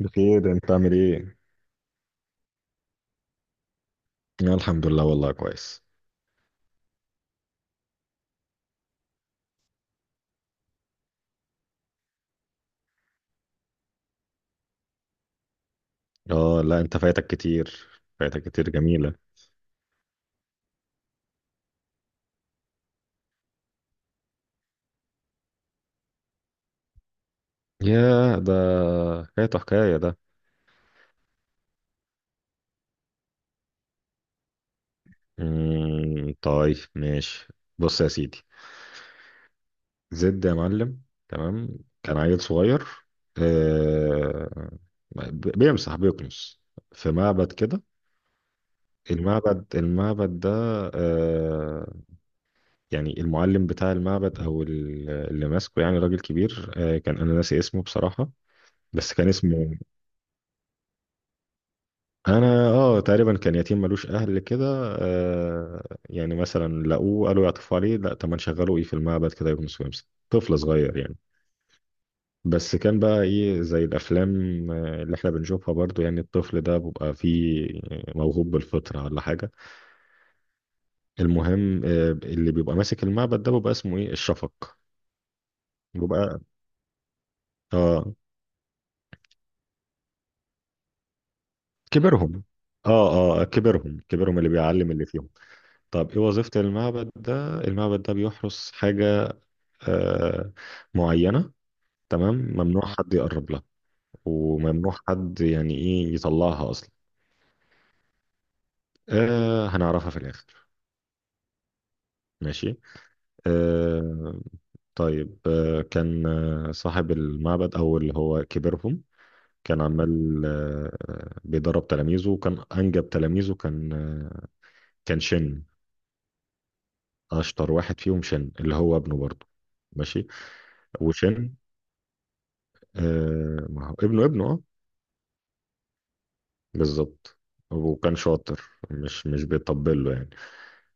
بخير، انت عامل ايه؟ أنا الحمد لله، والله كويس. اه لا انت فايتك كتير، فايتك كتير جميلة. ياه، ده فايته حكاية ده. طيب، ماشي. بص يا سيدي، زد يا معلم. تمام، كان عيل صغير، آه بيمسح، بيكنس في معبد كده. المعبد المعبد ده، آه يعني المعلم بتاع المعبد او اللي ماسكه، يعني راجل كبير. كان انا ناسي اسمه بصراحة. بس كان اسمه، انا تقريبا كان يتيم، ملوش اهل كده. يعني مثلا لقوه، قالوا يعطفوا عليه، لا طب ما نشغله ايه في المعبد كده، يكون سويمس طفل صغير يعني. بس كان بقى ايه زي الافلام، اللي احنا بنشوفها، برضو يعني الطفل ده بيبقى فيه موهوب بالفطرة ولا حاجة. المهم اللي بيبقى ماسك المعبد ده بيبقى اسمه ايه الشفق. بيبقى اه كبرهم. اه اه كبرهم، كبرهم اللي بيعلم اللي فيهم. طب ايه وظيفة المعبد ده؟ المعبد ده بيحرس حاجة آه، معينة. تمام، ممنوع حد يقرب لها، وممنوع حد يعني ايه يطلعها اصلا. هنعرفها في الاخر. ماشي. آه طيب آه كان آه، صاحب المعبد او اللي هو كبيرهم، كان عمال بيدرب تلاميذه، وكان انجب تلاميذه كان شن، اشطر واحد فيهم شن اللي هو ابنه برضه. ماشي. وشن ما هو ابنه، ابنه اه. بالظبط. وكان شاطر، مش بيطبل له يعني.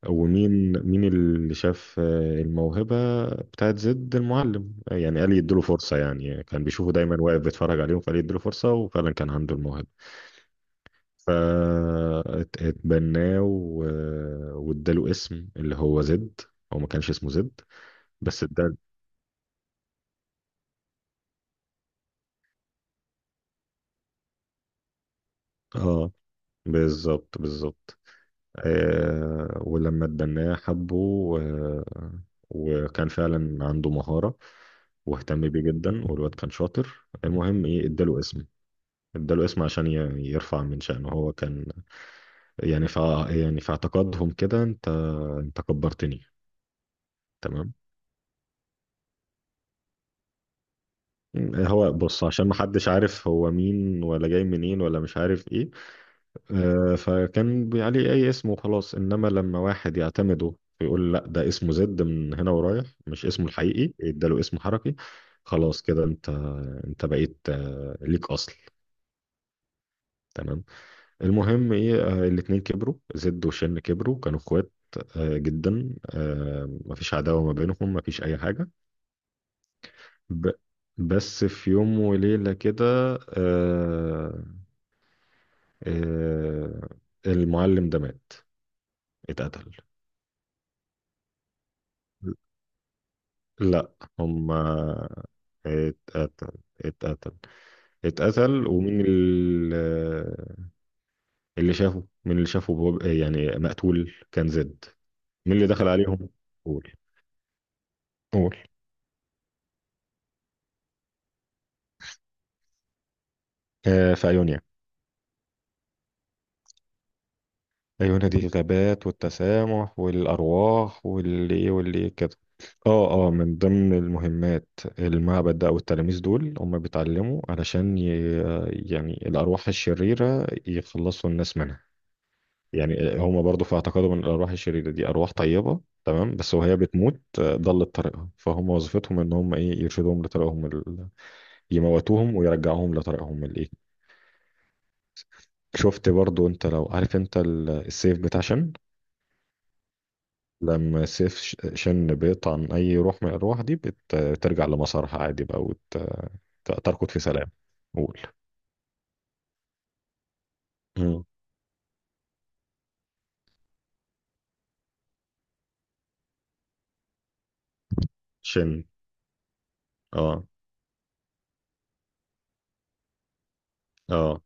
ومين مين اللي شاف الموهبة بتاعت زيد المعلم، يعني قال يديله فرصة، يعني كان بيشوفه دايما واقف بيتفرج عليهم، فقال يديله فرصة، وفعلا كان عنده الموهبة. فاتبناه و- واداله اسم اللي هو زد. هو ما كانش اسمه زد، بس ادال. اه بالظبط، بالظبط. ولما اتبناه حبه، آه وكان فعلا عنده مهارة، واهتم بيه جدا، والواد كان شاطر. المهم ايه، اداله اسم. اداله اسم عشان يرفع من شأنه. هو كان يعني ف يعني في اعتقادهم كده، انت انت كبرتني. تمام. هو بص، عشان محدش عارف هو مين ولا جاي منين ولا مش عارف ايه، فكان عليه اي اسم وخلاص، انما لما واحد يعتمده ويقول لا ده اسمه زد، من هنا ورايح مش اسمه الحقيقي، اداله اسم حركي. خلاص كده، انت انت بقيت ليك اصل. تمام. المهم ايه، الاتنين كبروا. زد وشن كبروا، كانوا اخوات جدا، مفيش عداوة ما بينهم، مفيش اي حاجة. ب... بس في يوم وليلة كده، آه، آه، المعلم ده مات، اتقتل. لا. هم، اتقتل، اتقتل، اتقتل. اللي شافه، مين اللي شافه، يعني مقتول، كان زد. مين اللي دخل عليهم؟ قول، قول، في أيونيا. عيونها دي الغابات والتسامح والأرواح واللي إيه واللي إيه كده. اه اه، من ضمن المهمات، المعبد ده أو التلاميذ دول هم بيتعلموا علشان ي... يعني الأرواح الشريرة، يخلصوا الناس منها. يعني هم برضو في اعتقادهم ان الأرواح الشريرة دي أرواح طيبة تمام، بس وهي بتموت ضلت طريقها، فهم وظيفتهم ان هم ايه يرشدوهم لطريقهم ال... يموتوهم ويرجعوهم لطريقهم الايه. شفت برضو؟ انت لو عارف، انت السيف بتاع شن، لما سيف شن بيقطع عن أي روح من الأرواح دي، بترجع لمسارها عادي بقى، وتركض في سلام. قول. مم. شن. اه اه،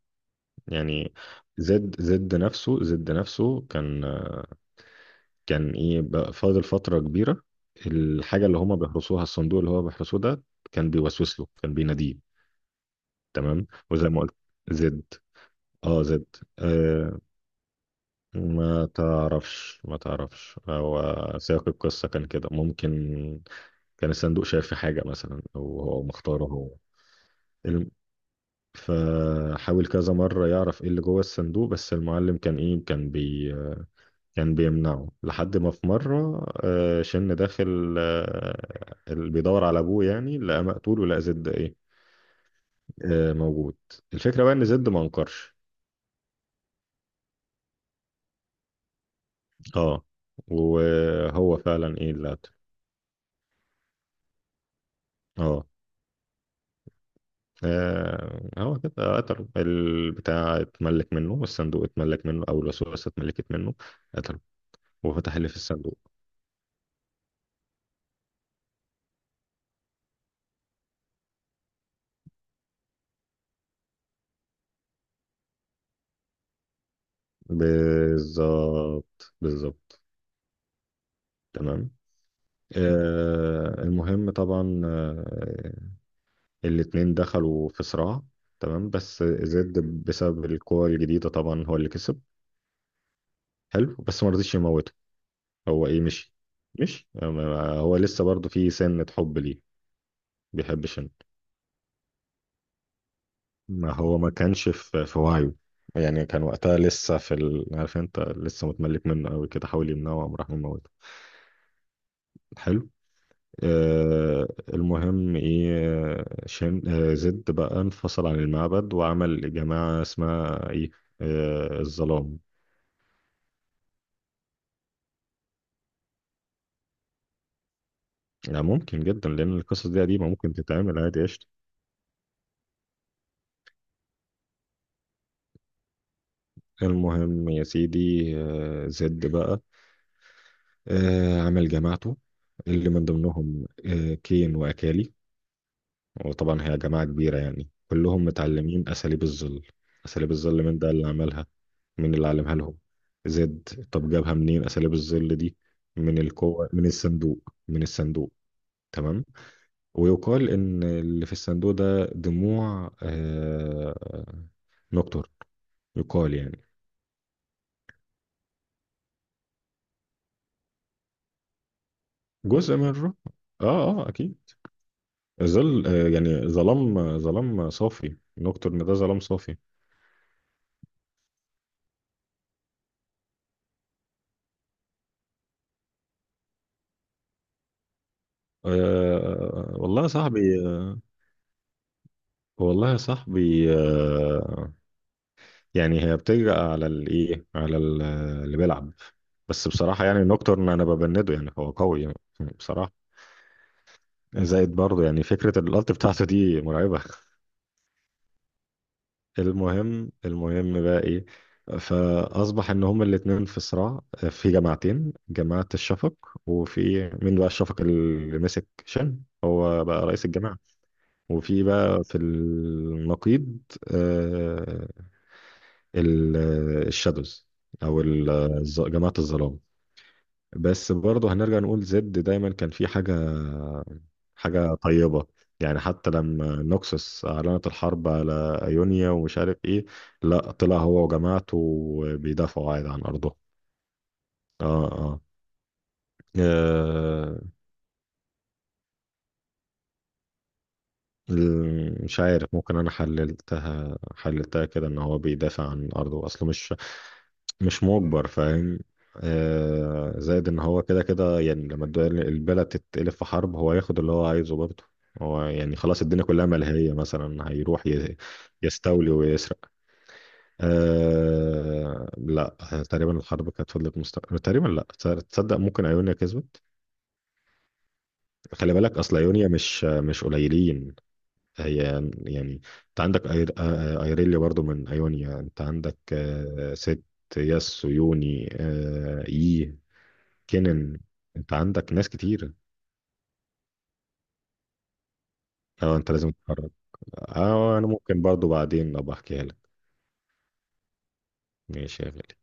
يعني زد، زد نفسه، زد نفسه كان، كان ايه بقى، فاضل فترة كبيرة. الحاجة اللي هما بيحرسوها، الصندوق اللي هو بيحرسوه ده، كان بيوسوس له، كان بيناديه. تمام. وزي ما قلت، زد. اه زد. آه، ما تعرفش، ما تعرفش، هو سياق القصة كان كده ممكن. كان الصندوق شايف في حاجة مثلا، أو هو مختاره هو. الم- فحاول كذا مرة يعرف ايه اللي جوه الصندوق، بس المعلم كان ايه، كان بيمنعه، لحد ما في مرة شن داخل، اللي بيدور على ابوه يعني، لقى مقتول، ولقى زد ايه، موجود. الفكرة بقى ان زد ما انكرش. اه، وهو فعلا ايه اللي قتله. اه، هو كده قتله، البتاع اتملك منه، والصندوق اتملك منه، او الوسوسة اتملكت منه، قتله وفتح اللي في الصندوق. بالظبط، بالظبط. تمام. المهم طبعا، الاتنين دخلوا في صراع. تمام، بس زد بسبب القوة الجديدة، طبعا هو اللي كسب. حلو، بس ما رضيش يموته. هو ايه، مشي، مشي هو لسه برضه في سنة حب ليه، بيحب شن. ما هو ما كانش في وعيه، يعني كان وقتها لسه في ال... عارف انت، لسه متملك منه قوي كده، حاول يمنعه، وقام راح مموته. حلو. آه المهم ايه، آه، شن آه زد بقى انفصل عن المعبد، وعمل جماعة اسمها ايه، الظلام. يعني ممكن جدا، لان القصص دي قديمة، ممكن تتعمل عادي قشطة. المهم يا سيدي، زد بقى، عمل جماعته، اللي من ضمنهم كين وأكالي. وطبعا هي جماعة كبيرة يعني، كلهم متعلمين أساليب الظل. أساليب الظل، من ده اللي عملها، من اللي علمها لهم؟ زد. طب جابها منين أساليب الظل دي؟ من القوة، من الصندوق، من الصندوق. تمام. ويقال إن اللي في الصندوق ده دموع نكتر، يقال يعني. جزء من الروح. آه أكيد، ظل، يعني ظلام، ظلام صافي نكتر، إن ده ظلام صافي. والله يا صاحبي، آه، والله يا صاحبي. يعني هي بتجرأ على الايه، على اللي بيلعب. بس بصراحة يعني، نوكتورن انا ببنده يعني، هو قوي يعني، بصراحة. زائد برضه، يعني فكرة الالت بتاعته دي مرعبة. المهم، المهم بقى ايه. فاصبح ان هما الاتنين في صراع، في جماعتين: جماعة الشفق، وفي مين بقى الشفق، اللي مسك شن، هو بقى رئيس الجماعة. وفي بقى في النقيض آه، الشادوز، او ال- جماعة الظلام. بس برضه هنرجع نقول، زد دايما كان في حاجة، حاجة طيبة. يعني حتى لما نوكسوس أعلنت الحرب على أيونيا ومش عارف إيه، لا، طلع هو وجماعته بيدافعوا عادي عن أرضه. آه آه, آه مش عارف، ممكن انا حللتها، حللتها كده ان هو بيدافع عن ارضه، اصله مش، مش مجبر، فاهم. زائد ان هو كده كده يعني، لما البلد تتقلب في حرب، هو ياخد اللي هو عايزه برضه. هو يعني خلاص الدنيا كلها ملهية، مثلا هيروح يستولي ويسرق. لا، تقريبا الحرب كانت فضلت مستمرة، تقريبا. لا، تصدق ممكن ايونيا كسبت. خلي بالك، اصل ايونيا مش، مش قليلين. هي يعني، انت عندك أير... آه، آه، ايريليا برضو من ايونيا، انت عندك ست، ياس، ويوني، اي كينن. انت عندك ناس كتير. اه، انت لازم تتفرج. اه، انا ممكن برضو بعدين ابقى احكيها لك. ماشي يا غالي.